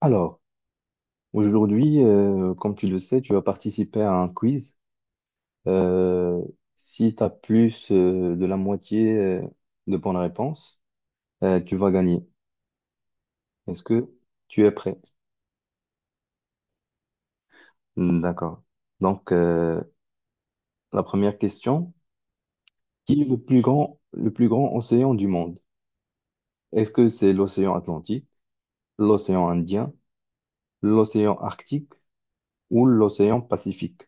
Alors, aujourd'hui, comme tu le sais, tu vas participer à un quiz. Euh, Si tu as plus de la moitié de bonnes réponses, tu vas gagner. Est-ce que tu es prêt? D'accord. Donc, la première question, qui est le plus grand océan du monde? Est-ce que c'est l'océan Atlantique, l'océan Indien, l'océan Arctique ou l'océan Pacifique?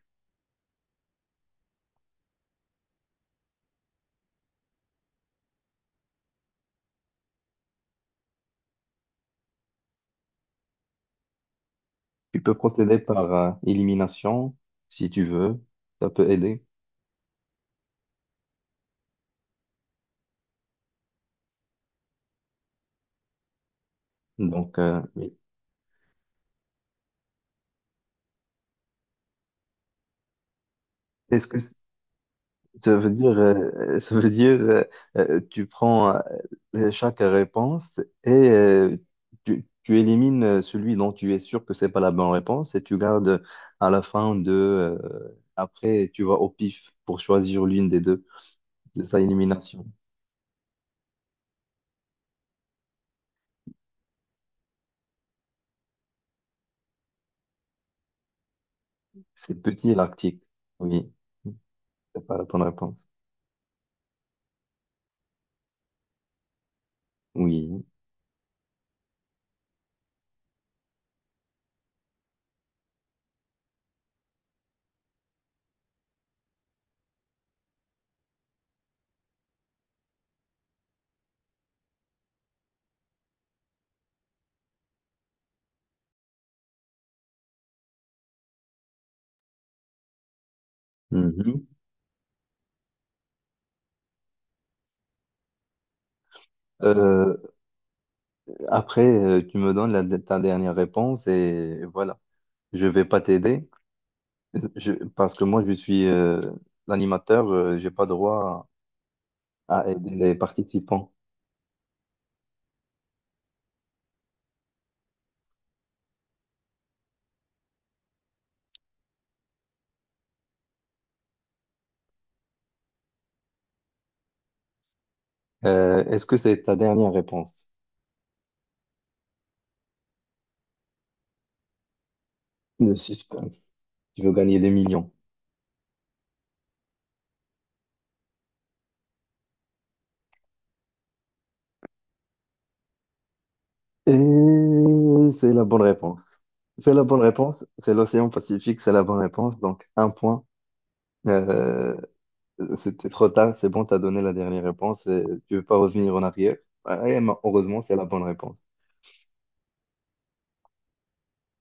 Tu peux procéder par élimination si tu veux. Ça peut aider. Donc, oui. est-ce que c- Ça veut dire, tu prends chaque réponse, et tu élimines celui dont tu es sûr que c'est pas la bonne réponse, et tu gardes à la fin, après, tu vas au pif pour choisir l'une des deux de sa élimination. C'est petit l'article. Oui, c'est pas la bonne réponse. Oui. Mhm. Euh, Après, tu me donnes ta dernière réponse, et voilà. Je vais pas t'aider. Parce que moi, je suis l'animateur, j'ai pas droit à aider les participants. Est-ce que c'est ta dernière réponse? Le suspense. Tu veux gagner des millions. Et c'est la bonne réponse. C'est la bonne réponse. C'est l'océan Pacifique, c'est la bonne réponse. Donc, un point. Euh, C'était trop tard, c'est bon, t'as donné la dernière réponse, et tu veux pas revenir en arrière. Ouais, mais heureusement, c'est la bonne réponse.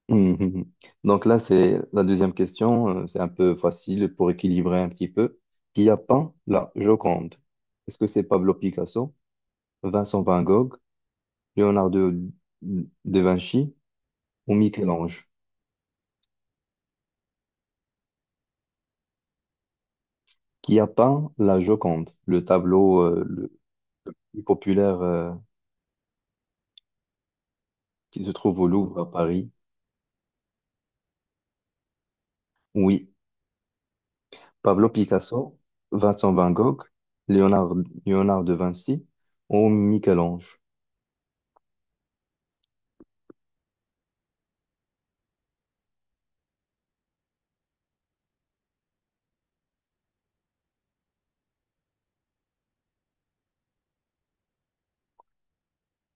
Mhm. Donc là, c'est la deuxième question, c'est un peu facile pour équilibrer un petit peu. Qui a peint la Joconde? Est-ce que c'est Pablo Picasso, Vincent Van Gogh, Leonardo da Vinci ou Michel-Ange? Qui a peint la Joconde, le tableau le plus populaire qui se trouve au Louvre à Paris? Oui, Pablo Picasso, Vincent Van Gogh, Léonard, Léonard de Vinci ou Michel-Ange?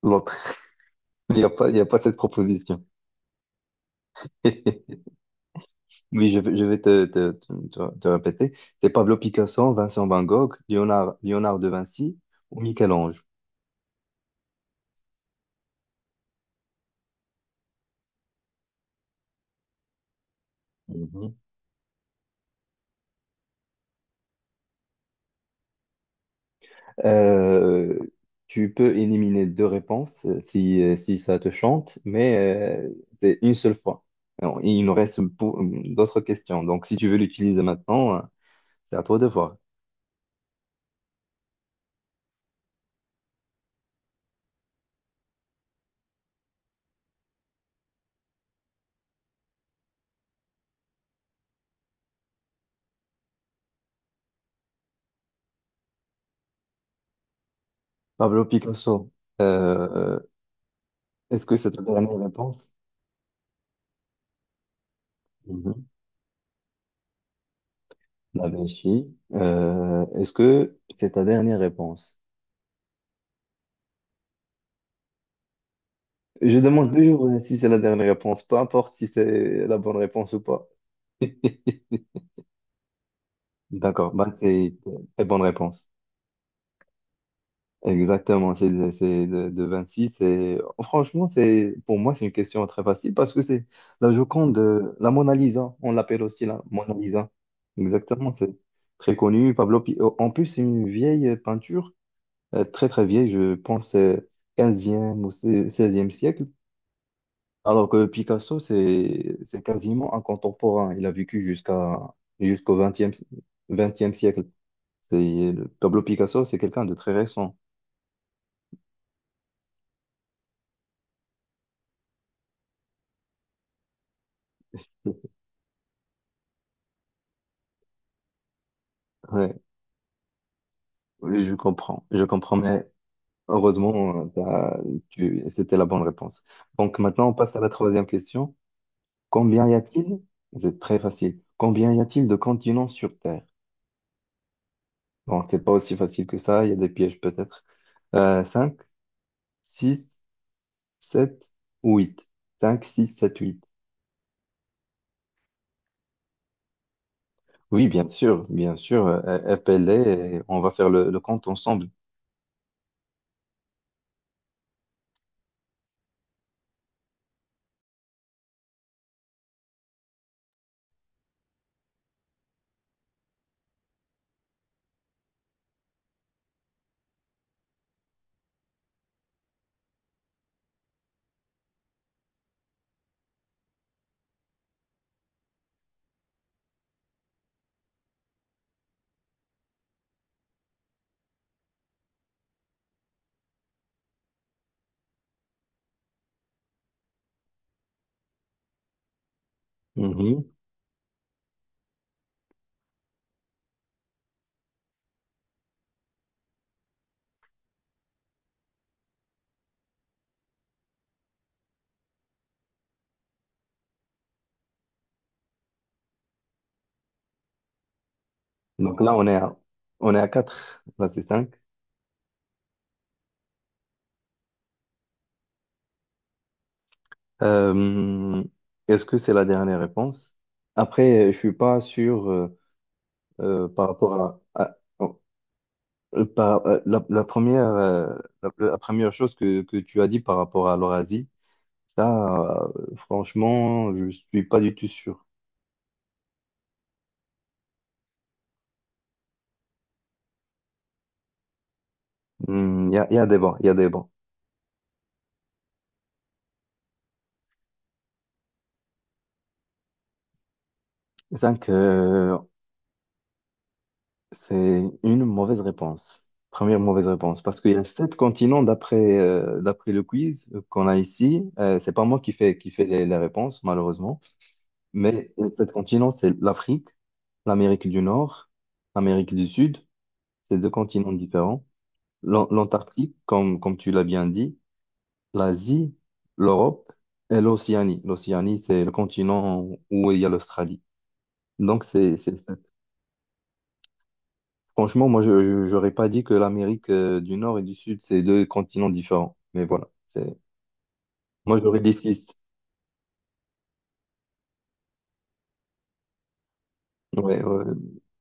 L'autre, il n'y a pas cette proposition. Oui, je vais te répéter. C'est Pablo Picasso, Vincent Van Gogh, Léonard de Vinci ou Michel-Ange. Mhm. Euh, Tu peux éliminer deux réponses si ça te chante, mais c'est une seule fois. Alors, il nous reste d'autres questions. Donc, si tu veux l'utiliser maintenant, c'est à toi de voir. Pablo Picasso, euh, est-ce que c'est ta dernière réponse? La Vichy, est-ce que c'est ta dernière réponse? Je demande toujours si c'est la dernière réponse, peu importe si c'est la bonne réponse ou pas. D'accord, bah, c'est très bonne réponse. Exactement, c'est de 26. Et, franchement, c'est, pour moi, c'est une question très facile parce que c'est la Joconde, la Mona Lisa, on l'appelle aussi la Mona Lisa. Exactement, c'est très connu. Oh, en plus, c'est une vieille peinture, très très vieille, je pense 15 ou seizième siècle. Alors que Picasso, c'est quasiment un contemporain. Il a vécu jusqu'au vingtième siècle. C'est Pablo Picasso, c'est quelqu'un de très récent. Ouais, oui, je comprends, mais heureusement, c'était la bonne réponse. Donc maintenant, on passe à la troisième question. Combien y a-t-il? C'est très facile. Combien y a-t-il de continents sur Terre? Bon, c'est pas aussi facile que ça, il y a des pièges peut-être. 5, 6, 7 ou 8? 5, 6, 7. Oui, bien sûr, bien sûr. Appelez, et on va faire le compte ensemble. Mhm. Donc là, on est à 4. Là, c'est cinq. Euh, Est-ce que c'est la dernière réponse? Après, je suis pas sûr par rapport à, la première, la première chose que tu as dit par rapport à l'Eurasie. Ça, franchement, je suis pas du tout sûr. Il y a des bons, il y a des bons. 5. C'est une mauvaise réponse. Première mauvaise réponse. Parce qu'il y a sept continents d'après le quiz qu'on a ici. C'est pas moi qui fait les réponses, malheureusement. Mais les sept continents, c'est l'Afrique, l'Amérique du Nord, l'Amérique du Sud. C'est deux continents différents. L'Antarctique, comme tu l'as bien dit, l'Asie, l'Europe et l'Océanie. L'Océanie, c'est le continent où il y a l'Australie. Donc, c'est franchement, moi, j'aurais pas dit que l'Amérique du Nord et du Sud, c'est deux continents différents. Mais voilà, c'est. Moi, j'aurais dit six. Ouais, ouais.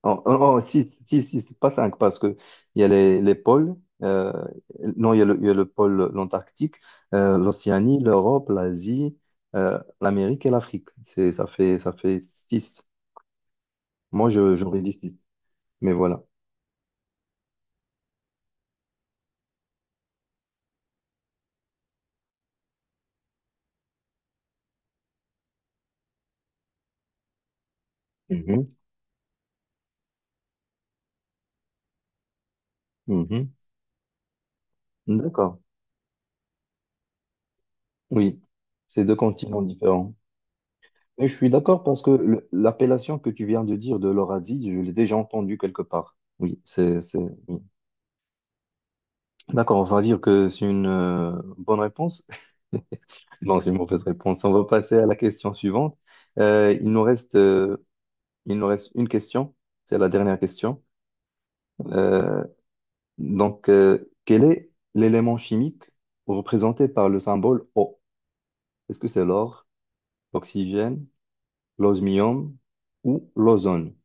Oh, oh, oh, six, six, six, pas cinq, parce que il y a les pôles. euh, non, il y a le pôle, l'Antarctique, l'Océanie, l'Europe, l'Asie, l'Amérique et l'Afrique. Ça fait six. Moi, j'aurais dit six. Mais voilà. Mhm, mhm. D'accord. Oui, c'est deux continents différents. Et je suis d'accord parce que l'appellation que tu viens de dire de l'orazide, je l'ai déjà entendue quelque part. Oui, c'est, c'est. Oui. D'accord, on va dire que c'est une bonne réponse. Non, c'est une mauvaise réponse. On va passer à la question suivante. Euh, il nous reste, euh, il nous reste une question. C'est la dernière question. Euh, donc, quel est l'élément chimique représenté par le symbole O? Est-ce que c'est l'or, l'oxygène, l'osmium ou l'ozone?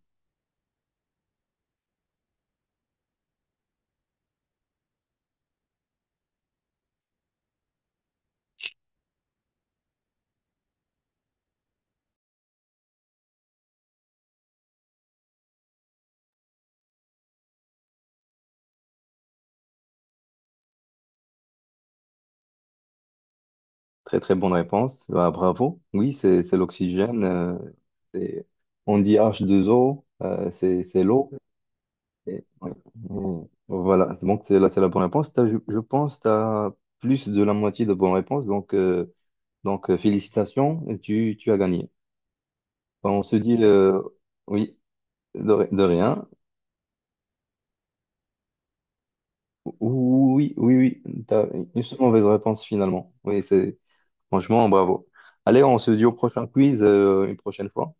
Très très bonne réponse. Bah, bravo. Oui, c'est l'oxygène. C'est- on dit H2O, c'est l'eau. Ouais. Mm. Voilà, donc c'est là, c'est la bonne réponse. Je pense que tu as plus de la moitié de bonnes réponses. Donc, félicitations, tu as gagné. Enfin, on se dit oui, de rien. Oui, oui, oui, tu as une seule mauvaise réponse finalement. Oui, c'est franchement bravo. Allez, on se dit au prochain quiz, une prochaine fois.